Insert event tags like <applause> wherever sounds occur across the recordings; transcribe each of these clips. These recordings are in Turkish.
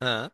Ha.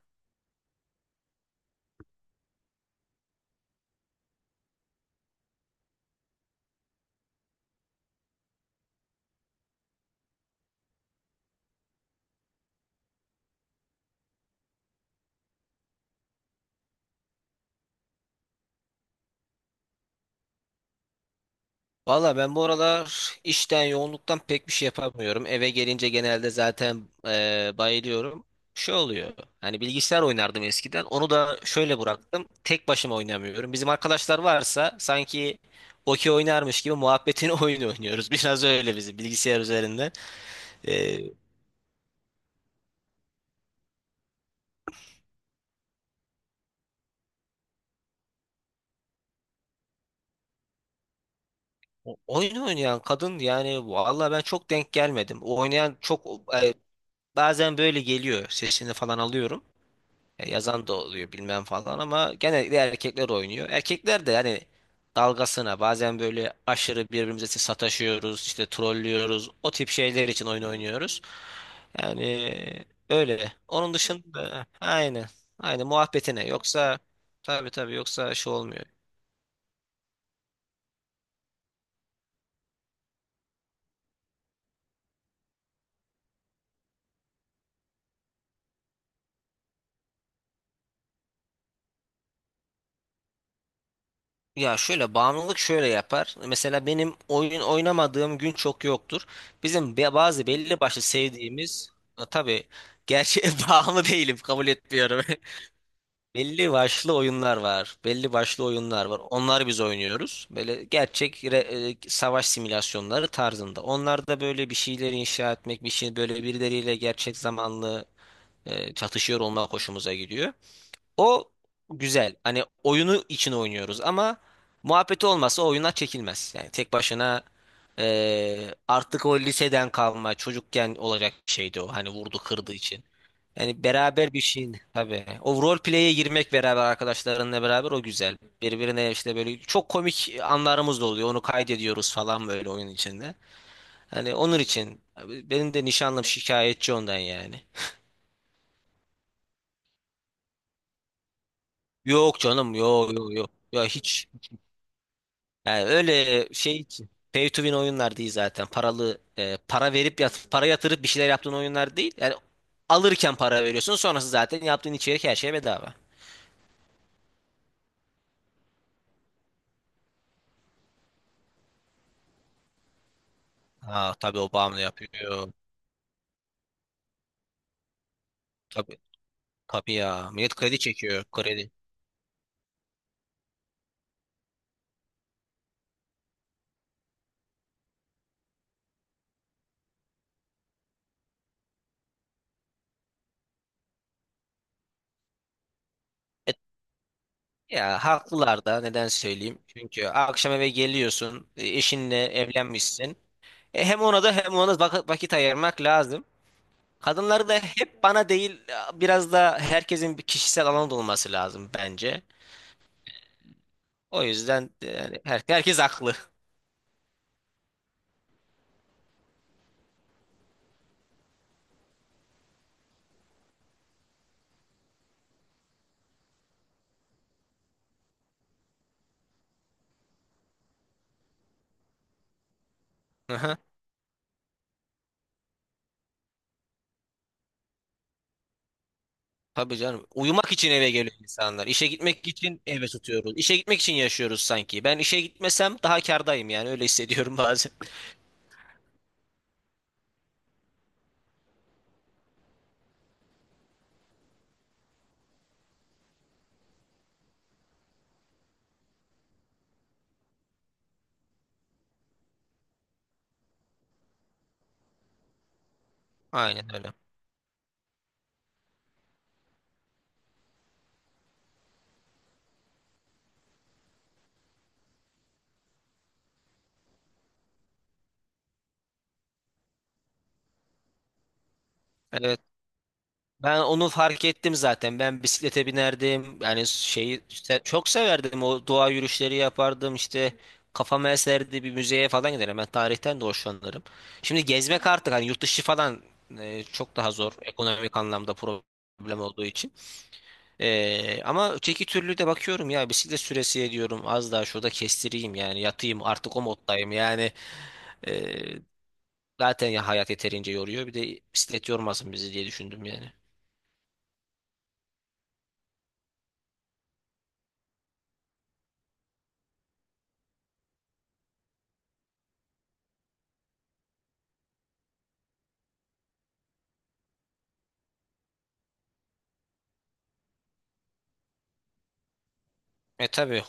Valla ben bu aralar işten yoğunluktan pek bir şey yapamıyorum. Eve gelince genelde zaten bayılıyorum. Şey oluyor. Hani bilgisayar oynardım eskiden. Onu da şöyle bıraktım. Tek başıma oynamıyorum. Bizim arkadaşlar varsa sanki okey oynarmış gibi muhabbetini <laughs> oyun oynuyoruz. Biraz öyle bizim bilgisayar üzerinde. E, Oyun oynayan kadın, yani valla ben çok denk gelmedim. O, oynayan çok, e, bazen böyle geliyor. Sesini falan alıyorum. Yazan da oluyor bilmem falan, ama genellikle erkekler oynuyor. Erkekler de yani dalgasına bazen böyle aşırı birbirimize sataşıyoruz, işte trollüyoruz. O tip şeyler için oyun oynuyoruz. Yani öyle. Onun dışında aynı. Aynı muhabbetine. Yoksa tabii tabii, yoksa şey olmuyor. Ya şöyle, bağımlılık şöyle yapar. Mesela benim oyun oynamadığım gün çok yoktur. Bizim bazı belli başlı sevdiğimiz. Ha, tabii gerçeğe <laughs> bağımlı değilim, kabul etmiyorum. <laughs> Belli başlı oyunlar var. Belli başlı oyunlar var. Onlar biz oynuyoruz. Böyle gerçek savaş simülasyonları tarzında. Onlar da böyle bir şeyleri inşa etmek, bir şey, böyle birileriyle gerçek zamanlı çatışıyor olmak hoşumuza gidiyor. O güzel. Hani oyunu için oynuyoruz ama muhabbeti olmazsa oyunlar çekilmez. Yani tek başına artık o, liseden kalma çocukken olacak bir şeydi o. Hani vurdu kırdı için. Yani beraber bir şeyin tabii. O role play'e girmek, beraber arkadaşlarınla beraber, o güzel. Birbirine işte böyle çok komik anlarımız da oluyor. Onu kaydediyoruz falan böyle oyun içinde. Hani onun için abi benim de nişanlım şikayetçi ondan yani. Yok canım, yok, yok, yok. Ya hiç, yani öyle şey için. Pay to win oyunlar değil zaten. Paralı, para yatırıp bir şeyler yaptığın oyunlar değil. Yani alırken para veriyorsun, sonrası zaten yaptığın içerik, her şey bedava. Ha, tabii o bağımlı yapıyor. Tabii. Tabii ya. Millet kredi çekiyor. Kredi. E, Ya, haklılar da, neden söyleyeyim? Çünkü akşam eve geliyorsun, eşinle evlenmişsin. Hem ona da hem ona da vakit ayırmak lazım. Kadınları da hep bana değil, biraz da herkesin bir kişisel alanı da olması lazım bence. O yüzden yani herkes haklı. <laughs> Tabii canım. Uyumak için eve geliyor insanlar. İşe gitmek için eve tutuyoruz. İşe gitmek için yaşıyoruz sanki. Ben işe gitmesem daha kârdayım, yani öyle hissediyorum <laughs> bazen. Aynen öyle. Evet. Ben onu fark ettim zaten. Ben bisiklete binerdim. Yani şeyi, çok severdim. O doğa yürüyüşleri yapardım işte. Kafam eserdi, bir müzeye falan giderim. Ben tarihten de hoşlanırım. Şimdi gezmek artık, hani yurt dışı falan, çok daha zor. Ekonomik anlamda problem olduğu için. Ama öteki türlü de bakıyorum ya, bisiklet süresi diyorum, az daha şurada kestireyim yani, yatayım artık, o moddayım yani. Ee, Zaten ya, hayat yeterince yoruyor, bir de bisiklet yormasın bizi diye düşündüm yani. E tabii,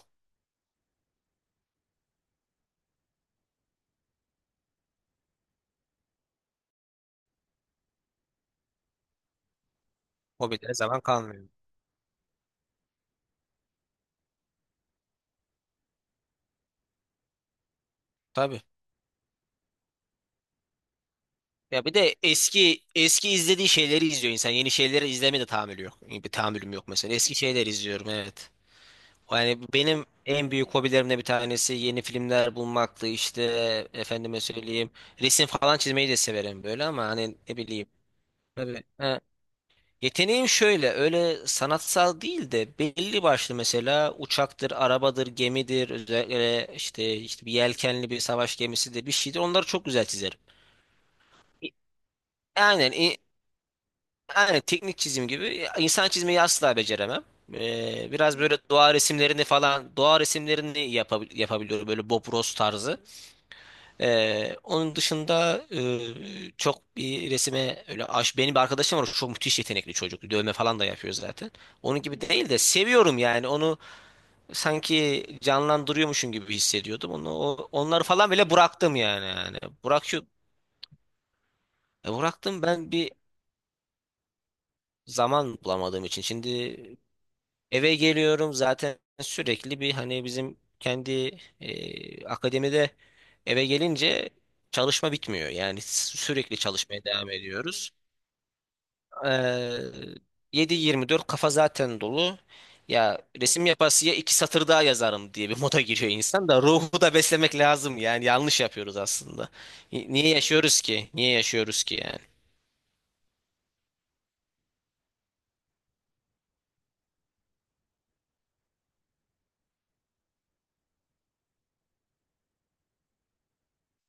hobilere zaman kalmıyor. Tabii. Ya bir de eski eski izlediği şeyleri izliyor insan. Yeni şeyleri izleme de tahammülü yok. Bir tahammülüm yok mesela. Eski şeyler izliyorum, evet. Yani benim en büyük hobilerimden bir tanesi yeni filmler bulmaktı, işte efendime söyleyeyim. Resim falan çizmeyi de severim böyle, ama hani ne bileyim. Tabii. Ha, yeteneğim şöyle, öyle sanatsal değil de, belli başlı mesela uçaktır, arabadır, gemidir, özellikle işte, işte bir yelkenli, bir savaş gemisidir, bir şeydir, onları çok güzel çizerim. E, Aynen. Yani teknik çizim gibi, insan çizmeyi asla beceremem. Biraz böyle doğa resimlerini falan, doğa resimlerini yapabiliyorum, böyle Bob Ross tarzı. Onun dışında çok bir resime öyle aş, benim bir arkadaşım var, çok müthiş yetenekli çocuk. Dövme falan da yapıyor zaten. Onun gibi değil de, seviyorum yani, onu sanki canlandırıyormuşum gibi hissediyordum. Onu onları falan bile bıraktım yani. Bırak şu- Bıraktım ben, bir zaman bulamadığım için. Şimdi eve geliyorum zaten, sürekli bir, hani bizim kendi, akademide eve gelince çalışma bitmiyor. Yani sürekli çalışmaya devam ediyoruz. Ee, 7/24 kafa zaten dolu. Ya resim yapası ya iki satır daha yazarım diye bir moda giriyor insan, da ruhu da beslemek lazım yani, yanlış yapıyoruz aslında. Niye yaşıyoruz ki? Niye yaşıyoruz ki yani?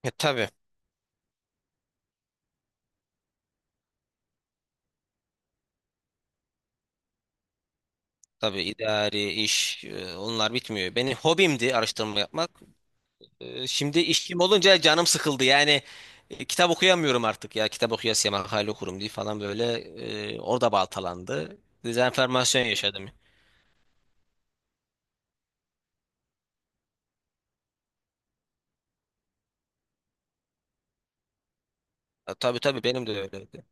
Tabii tabii, idari iş onlar bitmiyor. Benim hobimdi araştırma yapmak. Şimdi işim olunca canım sıkıldı. Yani kitap okuyamıyorum artık ya. Kitap okuyasıya makale okurum diye falan, böyle orada baltalandı. Dezenformasyon yaşadım. Ya, tabii tabii, benim de öyleydi.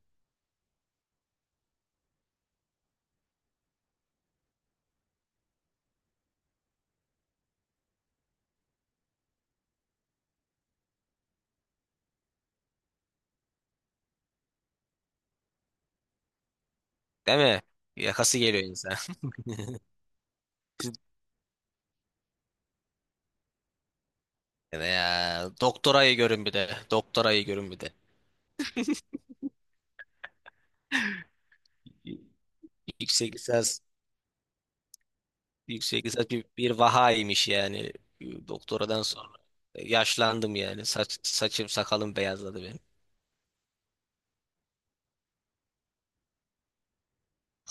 Değil mi? Yakası geliyor insan. <laughs> Ya, ya, doktorayı görün bir de. Doktorayı görün bir de. Y- Yüksek lisans, Yüksek lisans bir vahaymış yani. Doktoradan sonra. Yaşlandım yani. Saçım sakalım beyazladı benim.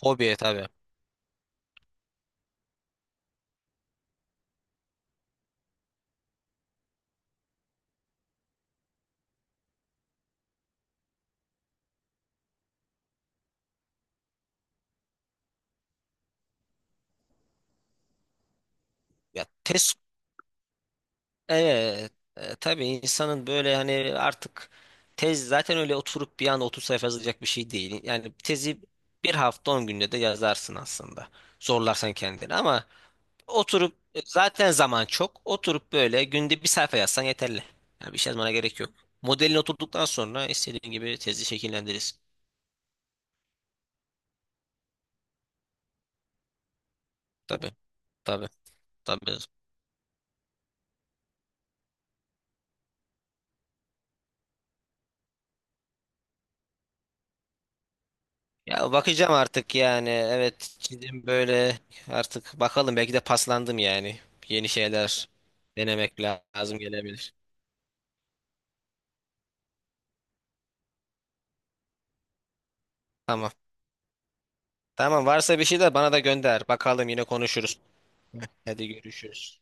Hobi tabii. Ya test Evet, tabii, insanın böyle, hani artık tez zaten öyle oturup bir anda 30 sayfa yazacak bir şey değil. Yani tezi bir hafta 10 günde de yazarsın aslında. Zorlarsan kendini, ama oturup, zaten zaman çok. Oturup böyle günde bir sayfa yazsan yeterli. Yani bir şey yazmana gerek yok. Modelini oturduktan sonra istediğin gibi tezi şekillendirirsin. Tabii, tabii, tabii. Ya, bakacağım artık yani. Evet, çizim böyle, artık bakalım, belki de paslandım yani. Yeni şeyler denemek lazım gelebilir. Tamam. Tamam, varsa bir şey de bana da gönder. Bakalım, yine konuşuruz. Hadi, görüşürüz.